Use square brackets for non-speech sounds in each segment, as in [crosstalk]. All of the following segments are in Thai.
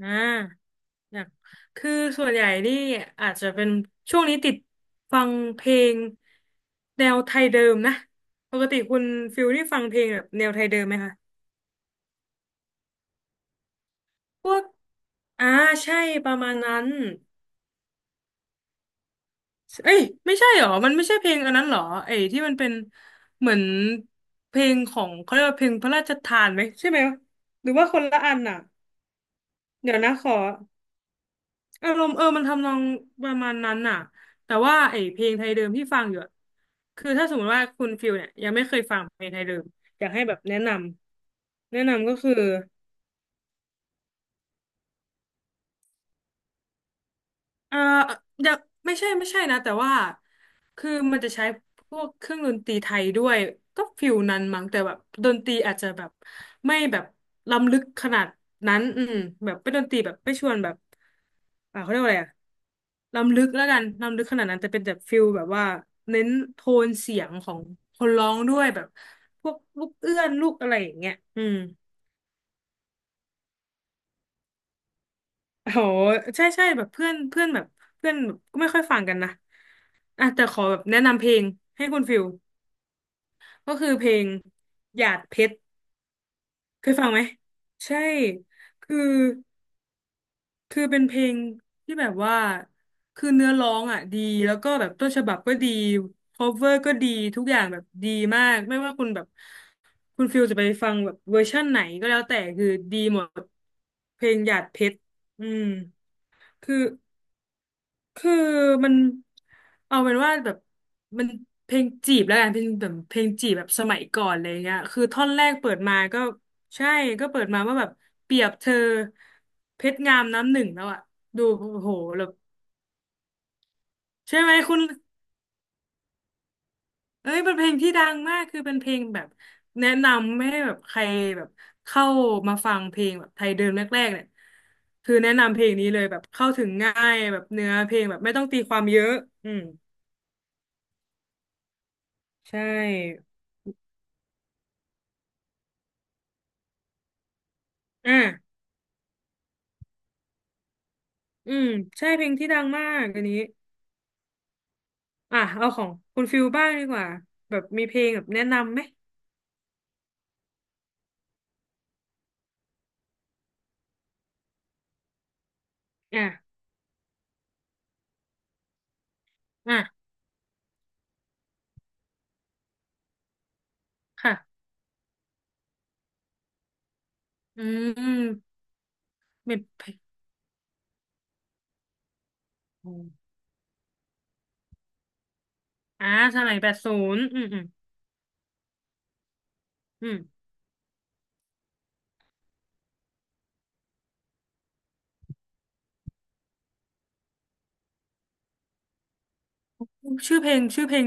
อ่าอยากคือส่วนใหญ่นี่อาจจะเป็นช่วงนี้ติดฟังเพลงแนวไทยเดิมนะปกติคุณฟิลนี่ฟังเพลงแบบแนวไทยเดิมไหมคะพวกอ่าใช่ประมาณนั้นเอ้ยไม่ใช่หรอมันไม่ใช่เพลงอันนั้นหรอไอ้ที่มันเป็นเหมือนเพลงของเขาเรียกว่าเพลงพระราชทานไหมใช่ไหมหรือว่าคนละอันอ่ะ เดี๋ยวนะขอ อารมณ์มันทำนองประมาณนั้นน่ะแต่ว่าไอ้เพลงไทยเดิมที่ฟังอยู่อะคือถ้าสมมติว่าคุณฟิลเนี่ยยังไม่เคยฟังเพลงไทยเดิมอยากให้แบบแนะนำก็คือ เอ่ออยากไม่ใช่ไม่ใช่นะแต่ว่าคือมันจะใช้พวกเครื่องดนตรีไทยด้วย ก็ฟิลนั้นมั้งแต่แบบดนตรีอาจจะแบบไม่แบบล้ำลึกขนาดนั้นอืมแบบเป็นดนตรีแบบไม่ชวนแบบเขาเรียกว่าอะไรอะล้ำลึกแล้วกันล้ำลึกขนาดนั้นแต่เป็นแบบฟิลแบบว่าเน้นโทนเสียงของคนร้องด้วยแบบพวกลูกเอื้อนลูกอะไรอย่างเงี้ยอืม โหใช่ใช่แบบเพื่อนเพื่อนแบบเพื่อนแบบก็ไม่ค่อยฟังกันนะอ่ะแต่ขอแบบแนะนำเพลงให้คุณฟิลก็คือเพลงหยาดเพชรเคยฟังไหม ใช่คือคือเป็นเพลงที่แบบว่าคือเนื้อร้องอ่ะดีแล้วก็แบบต้นฉบับก็ดี cover ก็ดีทุกอย่างแบบดีมากไม่ว่าคุณแบบคุณฟิลจะไปฟังแบบเวอร์ชั่นไหนก็แล้วแต่คือดีหมดเพลงหยาดเพชรอืม คือ คือมันเอาเป็นว่าแบบมันเพลงจีบแล้วกันเป็นแบบเพลงจีบแบบสมัยก่อนเลยเงี้ยคือท่อนแรกเปิดมาก็ใช่ก็เปิดมาว่าแบบเปรียบเธอเพชรงามน้ำหนึ่งแล้วอะดูโอ้โหแบบใช่ไหมคุณเอ้ยเป็นเพลงที่ดังมากคือเป็นเพลงแบบแนะนำไม่ให้แบบใครแบบเข้ามาฟังเพลงแบบไทยเดิมแรกๆเนี่ยคือแนะนำเพลงนี้เลยแบบเข้าถึงง่ายแบบเนื้อเพลงแบบไม่ต้องตีความเยอะอืมใช่อ่ะ อืมใช่เพลงที่ดังมากอันนี้อ่ะเอาของคุณฟิลบ้างดีกว่าแบบมีเพลงแบบแนะนำไหมอ่ะอ่ะค่ะอืมมีเพลงอ่าสมัยแปดศูนย์อืมอืมอืมชื่อเพลงชื่อเพลง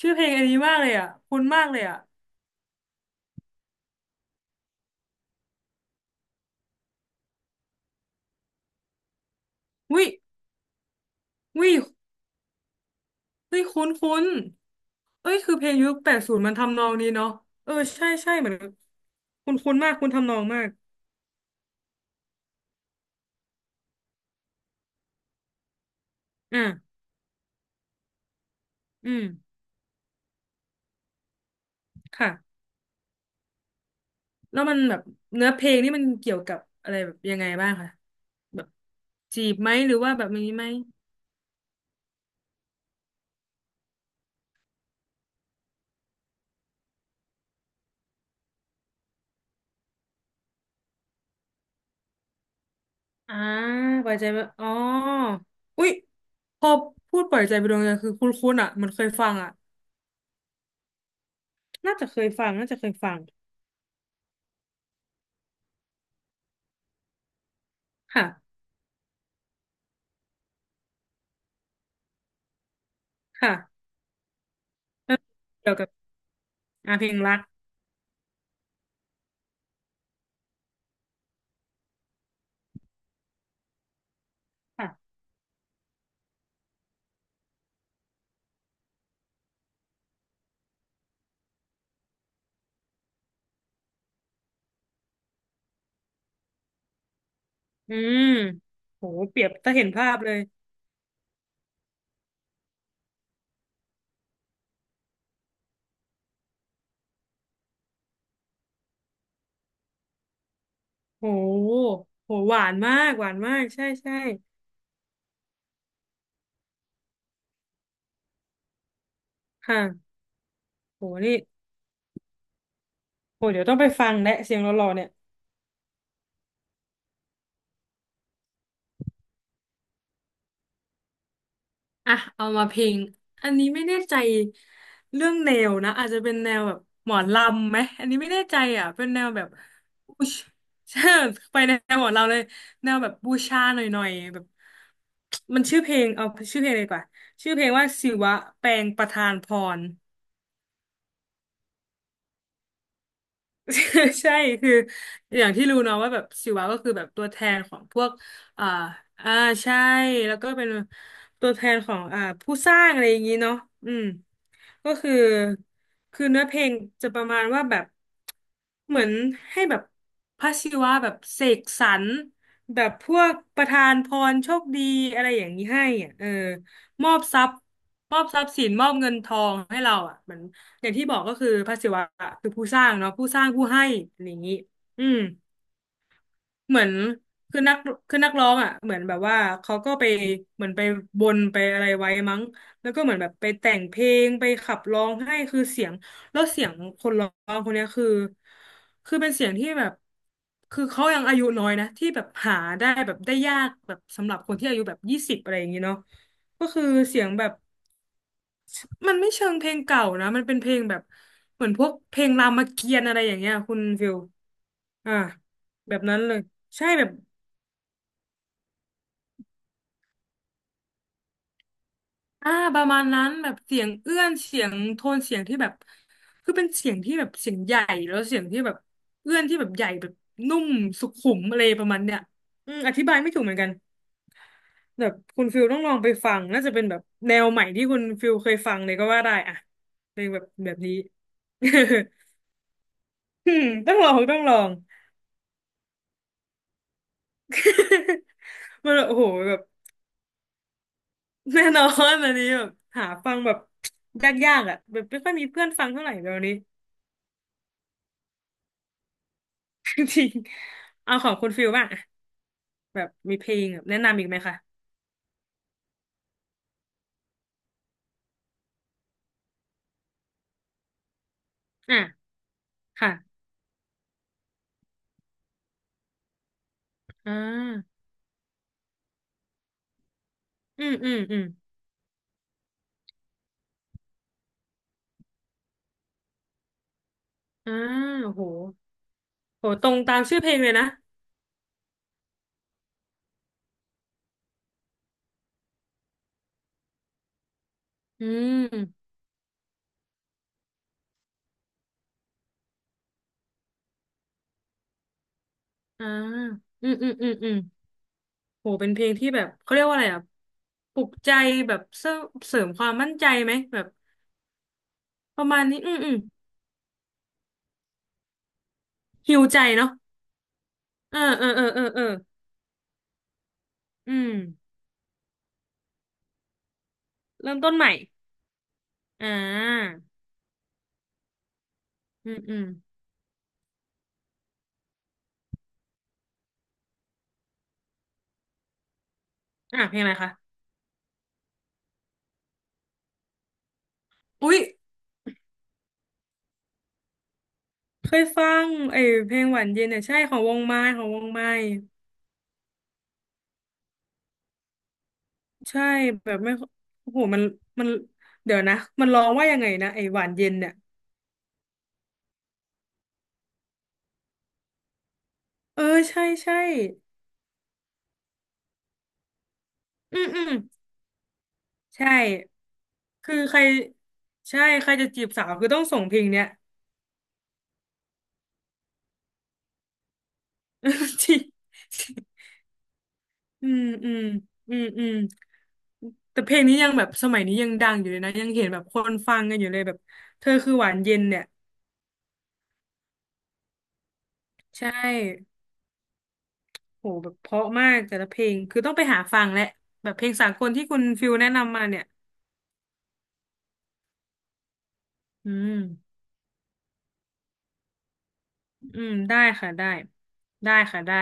ชื่อเพลงอันนี้มากเลยอ่ะคุ้นมากเลยอ่ะวิวิวิคุ้นคุ้นเอ้ยคือเพลงยุคแปดศูนย์มันทำนองนี้เนาะเออใช่ใช่เหมือนคุ้นคุ้นมากคุ้นทำนองมากอ่ะอืมค่ะ แล้วมันแบบเนื้อเพลงนี่มันเกี่ยวกับอะไรแบบยังไงบ้างคะแบบจีบไหมหรือว่าแบบนี้ไหมอ่าปล่อยใจไปอ๋ออุ๊ยพอพูดปล่อยใจไปดวงใจคือคุ้นๆอ่ะเหมันเคยฟังอ่ะน่าจะเคยฟังน่าจะเคยฟังค่ะค่ะแล้วเกี่ยวกับเพลงรักค่ะอืมโหเปรียบถ้าเห็นภาพเลยโหหวานมากหวานมากใช่ใช่ค่ะโหนี่โหเดี๋ยวต้องไปฟังและเสียงหล่อๆเนี่ย อ่ะเอามาเพลงอันนี้ไม่แน่ใจเรื่องแนวนะอาจจะเป็นแนวแบบหมอลำไหมอันนี้ไม่แน่ใจอ่ะเป็นแนวแบบบูชิ [laughs] ญไปแนวหมอลำเลยแนวแบบบูชาหน่อยๆแบบมันชื่อเพลงเอาชื่อเพลงเลยดีกว่าชื่อเพลงว่าศิวะแปลงประธานพร [laughs] ใช่คืออย่างที่รู้เนาะว่าแบบศิวะก็คือแบบตัวแทนของพวกอ่าอ่าใช่แล้วก็เป็นตัวแทนของผู้สร้างอะไรอย่างนี้เนาะอืมก็คือคือเนื้อเพลงจะประมาณว่าแบบเหมือนให้แบบพระศิวะแบบเสกสรรแบบพวกประทานพรโชคดีอะไรอย่างนี้ให้อ่ะเออมอบทรัพย์มอบทรัพย์สินมอบเงินทองให้เราอ่ะเหมือน อย่างที่บอกก็คือพระศิวะคือผู้สร้างเนาะผู้สร้างผู้ให้อะไรอย่างนี้อืมเหมือนคือนักคือนักร้องอ่ะเหมือนแบบว่าเขาก็ไปเหมือนไปบนไปอะไรไว้มั้งแล้วก็เหมือนแบบไปแต่งเพลงไปขับร้องให้คือเสียงแล้วเสียงคนร้องคนเนี้ยคือคือเป็นเสียงที่แบบคือเขายังอายุน้อยนะที่แบบหาได้แบบได้ยากแบบสำหรับคนที่อายุแบบยี่สิบอะไรอย่างนี้เนาะก็คือเสียงแบบ มันไม่เชิงเพลงเก่านะมันเป็นเพลงแบบเหมือนพวกเพลงรามเกียรติ์อะไรอย่างเงี้ยคุณฟิลอ่าแบบนั้นเลยใช่แบบประมาณนั้นแบบเสียงเอื้อนเสียงโทนเสียงที่แบบคือเป็นเสียงที่แบบเสียงใหญ่แล้วเสียงที่แบบเอื้อนที่แบบใหญ่แบบนุ่มสุขุมอะไรประมาณเนี้ยอืมอธิบายไม่ถูกเหมือนกันแบบคุณฟิลต้องลองไปฟังน่าจะเป็นแบบแนวใหม่ที่คุณฟิลเคยฟังเลยก็ว่าได้อ่ะเพลงแบบแบบนี้ [laughs] อืมต้องลอง [laughs] มันแบบโอ้โหแบบแน่นอนอันนี้แบบหาฟังแบบยากๆอ่ะแบบไม่ค่อยมีเพื่อนฟังเท่าไหร่เดี๋ยวนี้ [laughs] จริงเอาของคุณฟิลบ้างอะแบบมีเพลงแบบแนะนำอีกไหมคะอ่ะค่ะอ่าอืมอืมอืมอ่าโอ้โหโหตรงตามชื่อเพลงเลยนะอืมอ่าอืมอืมอืมอืมโหเป็นเพลงที่แบบเขาเรียกว่าอะไรอ่ะปลุกใจแบบเสริมความมั่นใจไหมแบบประมาณนี้อืมอืมฮิวใจเนาะ เออเออเออเออเอออืมเริ่มต้นใหม่อ่าอืมอืมอ่ะเพลงอะไรคะอุ๊ยเคยฟังไอ้เพลงหวานเย็นเนี่ยใช่ของวงไม้ใช่แบบไม่โอ้โหมันเดี๋ยวนะมันร้องว่ายังไงนะไอ้หวานเย็นเนี่ยเออใช่ใช่อืมอืมใช่คือใครใช่ใครจะจีบสาวคือต้องส่งเพลงเนี้ย [laughs] จริง อืมอืมอืมอืมแต่เพลงนี้ยังแบบสมัยนี้ยังดังอยู่เลยนะยังเห็นแบบคนฟังกันอยู่เลยแบบเธอคือหวานเย็นเนี่ยใช่โหแบบเพราะมากแต่ละเพลงคือต้องไปหาฟังแหละแบบเพลงสากลที่คุณฟิลแนะนำมาเนี่ยอืมอืมได้ค่ะได้ได้ค่ะได้